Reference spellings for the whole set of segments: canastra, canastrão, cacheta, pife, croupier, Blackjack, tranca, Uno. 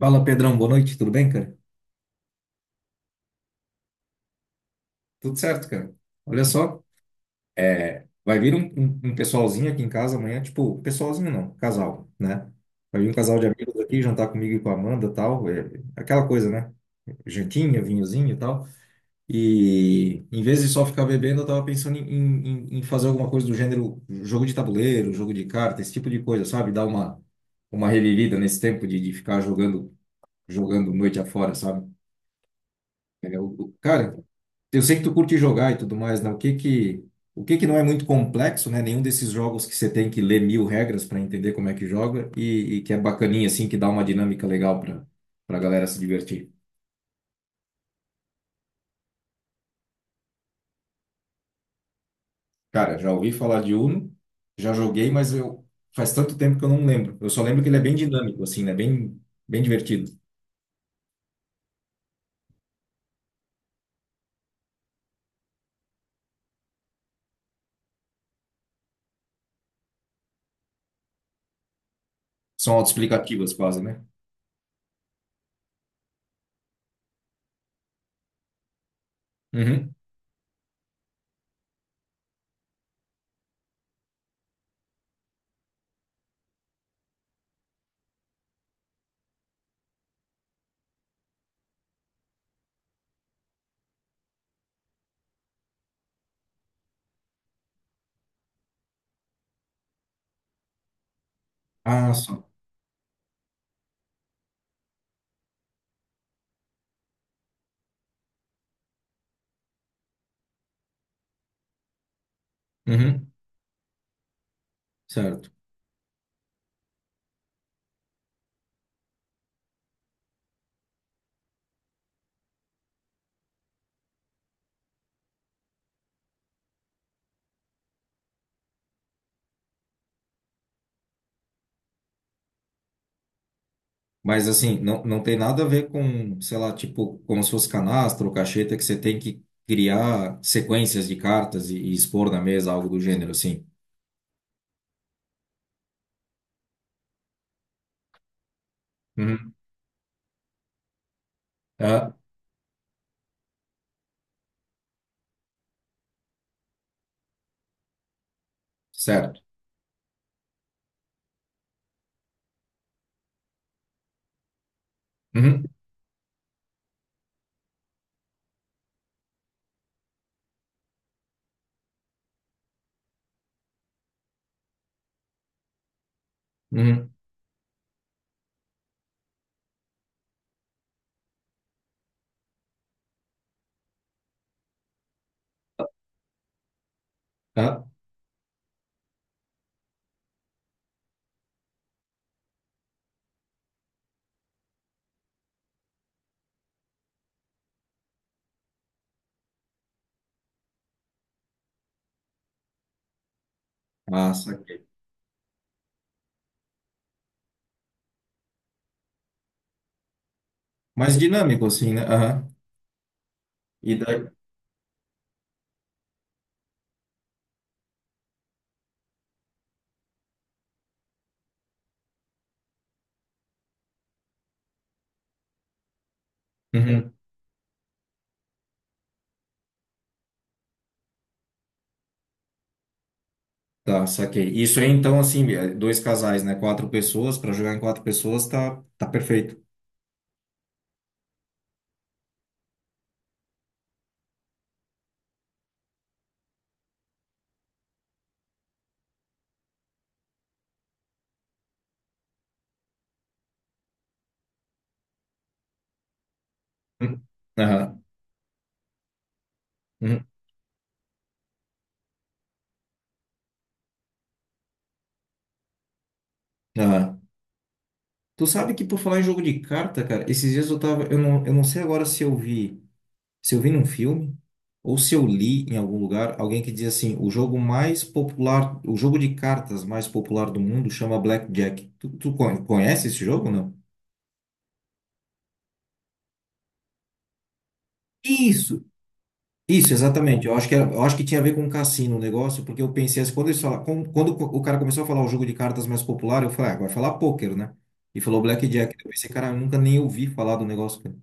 Fala, Pedrão, boa noite, tudo bem, cara? Tudo certo, cara. Olha só, vai vir um, um pessoalzinho aqui em casa amanhã, tipo, pessoalzinho não, casal, né? Vai vir um casal de amigos aqui jantar comigo e com a Amanda e tal, é, aquela coisa, né? Jantinha, vinhozinho e tal. E em vez de só ficar bebendo, eu tava pensando em fazer alguma coisa do gênero jogo de tabuleiro, jogo de carta, esse tipo de coisa, sabe? Dar uma revivida nesse tempo de ficar jogando, jogando noite afora, sabe? É, o- cara, eu sei que tu curte jogar e tudo mais, né? O que que não é muito complexo, né? Nenhum desses jogos que você tem que ler mil regras para entender como é que joga e que é bacaninha, assim, que dá uma dinâmica legal para para a galera se divertir. Cara, já ouvi falar de Uno, já joguei, mas eu faz tanto tempo que eu não lembro. Eu só lembro que ele é bem dinâmico, assim, né? Bem divertido. São autoexplicativas quase, né? Uhum. Ah, só. Uhum. Certo. Mas assim, não, não tem nada a ver com, sei lá, tipo, como se fosse canastra ou cacheta que você tem que criar sequências de cartas e expor na mesa, algo do gênero, assim. Uhum. Ah, certo. Uhum. Uhum. Ah, ah, saquei. Mais dinâmico, assim, né? Aham. E daí? Uhum. Tá, saquei. Isso aí, então, assim, é, dois casais, né? Quatro pessoas, para jogar em quatro pessoas, tá perfeito. Uhum. Aham. Uhum. Aham. Tu sabe que por falar em jogo de carta, cara, esses dias eu tava, eu não sei agora se eu vi. Se eu vi num filme ou se eu li em algum lugar alguém que diz assim, o jogo mais popular, o jogo de cartas mais popular do mundo chama Blackjack. Conhece esse jogo, ou não? Isso, isso, exatamente. Eu acho que tinha a ver com o cassino o negócio, porque eu pensei assim, quando eles falaram, quando o cara começou a falar o jogo de cartas mais popular, eu falei, ah, vai falar pôquer, né? E falou Blackjack. Eu pensei, cara, eu nunca nem ouvi falar do negócio, cara.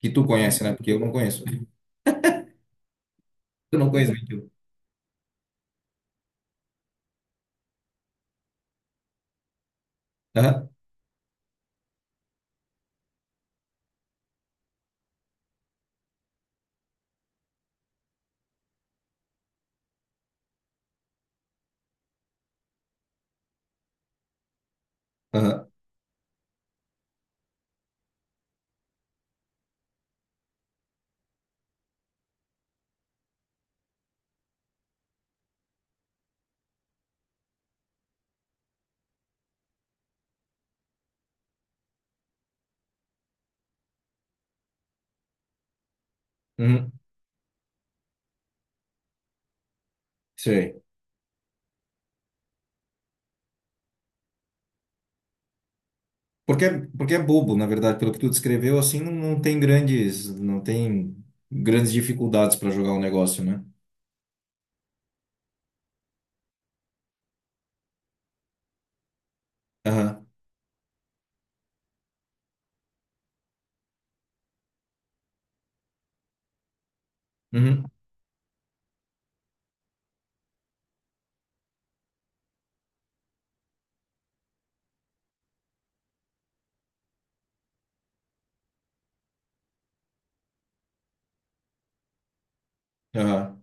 Que tu conhece, né? Porque eu não conheço. Eu não conheço, mentira. Aham, aham, uhum, sei. Porque é bobo, na verdade, pelo que tu descreveu, assim, não tem grandes, não tem grandes dificuldades para jogar o negócio, né? Aham. Uhum. Aham.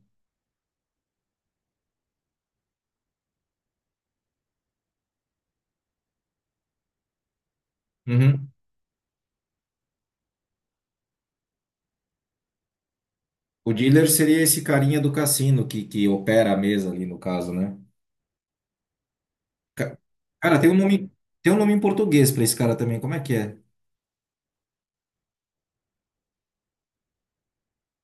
Uhum. O dealer seria esse carinha do cassino que opera a mesa ali, no caso, né? Ca- Cara, tem um nome em português para esse cara também, como é que é?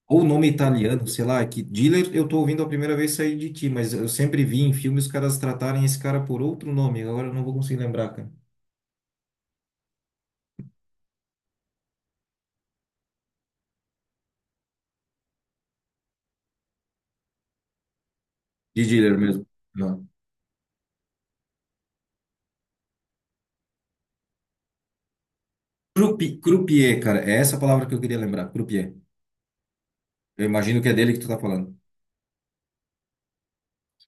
Ou nome italiano, sei lá, é que dealer eu tô ouvindo a primeira vez sair de ti, mas eu sempre vi em filmes os caras tratarem esse cara por outro nome, agora eu não vou conseguir lembrar, cara. De dealer mesmo. Croupier, cara, é essa a palavra que eu queria lembrar, croupier. Eu imagino que é dele que tu tá falando.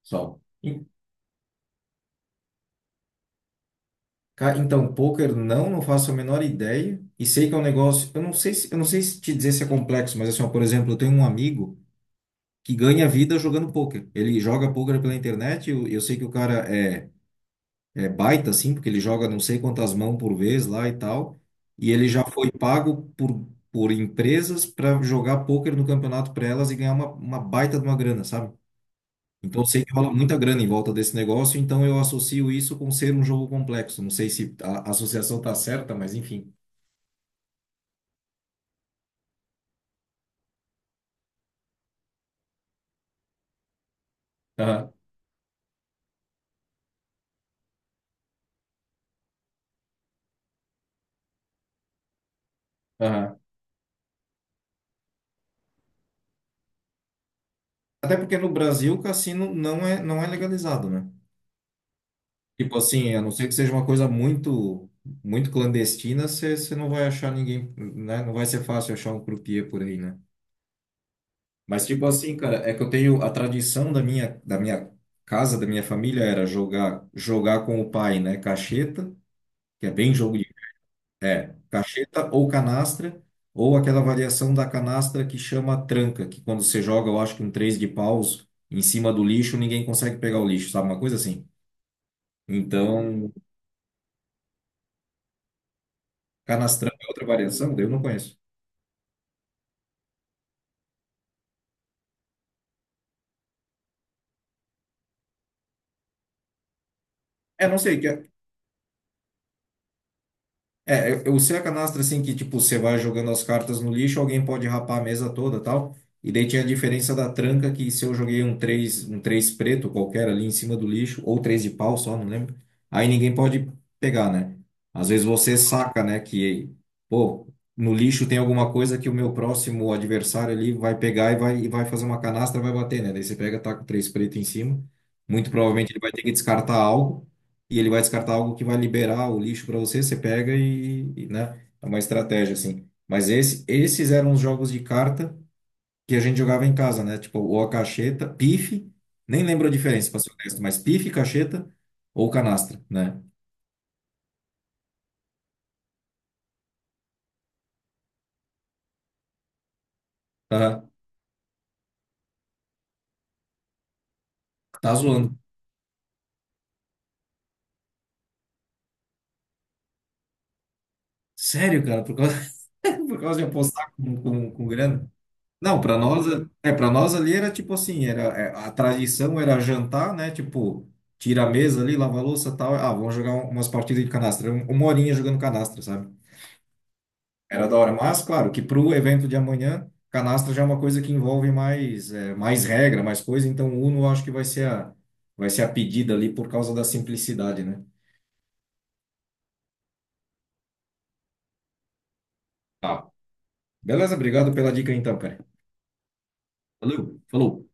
Só. Então, poker não, não faço a menor ideia. E sei que é um negócio, eu não sei se te dizer se é complexo, mas assim, ó, por exemplo, eu tenho um amigo que ganha vida jogando poker. Ele joga poker pela internet, eu sei que o cara é baita, assim, porque ele joga não sei quantas mãos por vez lá e tal. E ele já foi pago por empresas para jogar poker no campeonato para elas e ganhar uma baita de uma grana, sabe? Então, eu sei que rola muita grana em volta desse negócio, então eu associo isso com ser um jogo complexo. Não sei se a associação tá certa, mas enfim. Aham, aham. Até porque no Brasil o cassino não é, não é legalizado, né? Tipo assim, a não ser que seja uma coisa muito, muito clandestina, você não vai achar ninguém, né? Não vai ser fácil achar um croupier por aí, né? Mas tipo assim, cara, é que eu tenho a tradição da minha casa, da minha família era jogar, jogar com o pai, né? Cacheta, que é bem jogo É, cacheta ou canastra, ou aquela variação da canastra que chama tranca, que quando você joga, eu acho que um três de paus em cima do lixo, ninguém consegue pegar o lixo, sabe? Uma coisa assim. Então, canastrão é outra variação, eu não conheço. É, não sei, que- é É, eu sei a canastra assim que, tipo, você vai jogando as cartas no lixo, alguém pode rapar a mesa toda tal. E daí tinha a diferença da tranca, que se eu joguei um três preto qualquer ali em cima do lixo, ou três de pau só, não lembro, aí ninguém pode pegar, né? Às vezes você saca, né, que, pô, no lixo tem alguma coisa que o meu próximo adversário ali vai pegar e vai fazer uma canastra, vai bater, né? Daí você pega, tá com três preto em cima, muito provavelmente ele vai ter que descartar algo e ele vai descartar algo que vai liberar o lixo para você, você pega né? É uma estratégia assim. Mas esses eram os jogos de carta que a gente jogava em casa, né? Tipo, ou a cacheta, pife, nem lembro a diferença, para ser honesto, mas pife, cacheta ou canastra, né? Tá, tá zoando. Sério, cara, por causa de apostar com grana? Não, para nós, para nós ali era tipo assim, a tradição era jantar, né? Tipo, tira a mesa ali, lava a louça, tal, ah, vamos jogar umas partidas de canastra, uma horinha jogando canastra, sabe? Era da hora, mas claro que pro evento de amanhã, canastra já é uma coisa que envolve mais regra, mais coisa, então o Uno eu acho que vai ser a pedida ali por causa da simplicidade, né? Tá. Beleza, obrigado pela dica então, cara. Valeu, falou.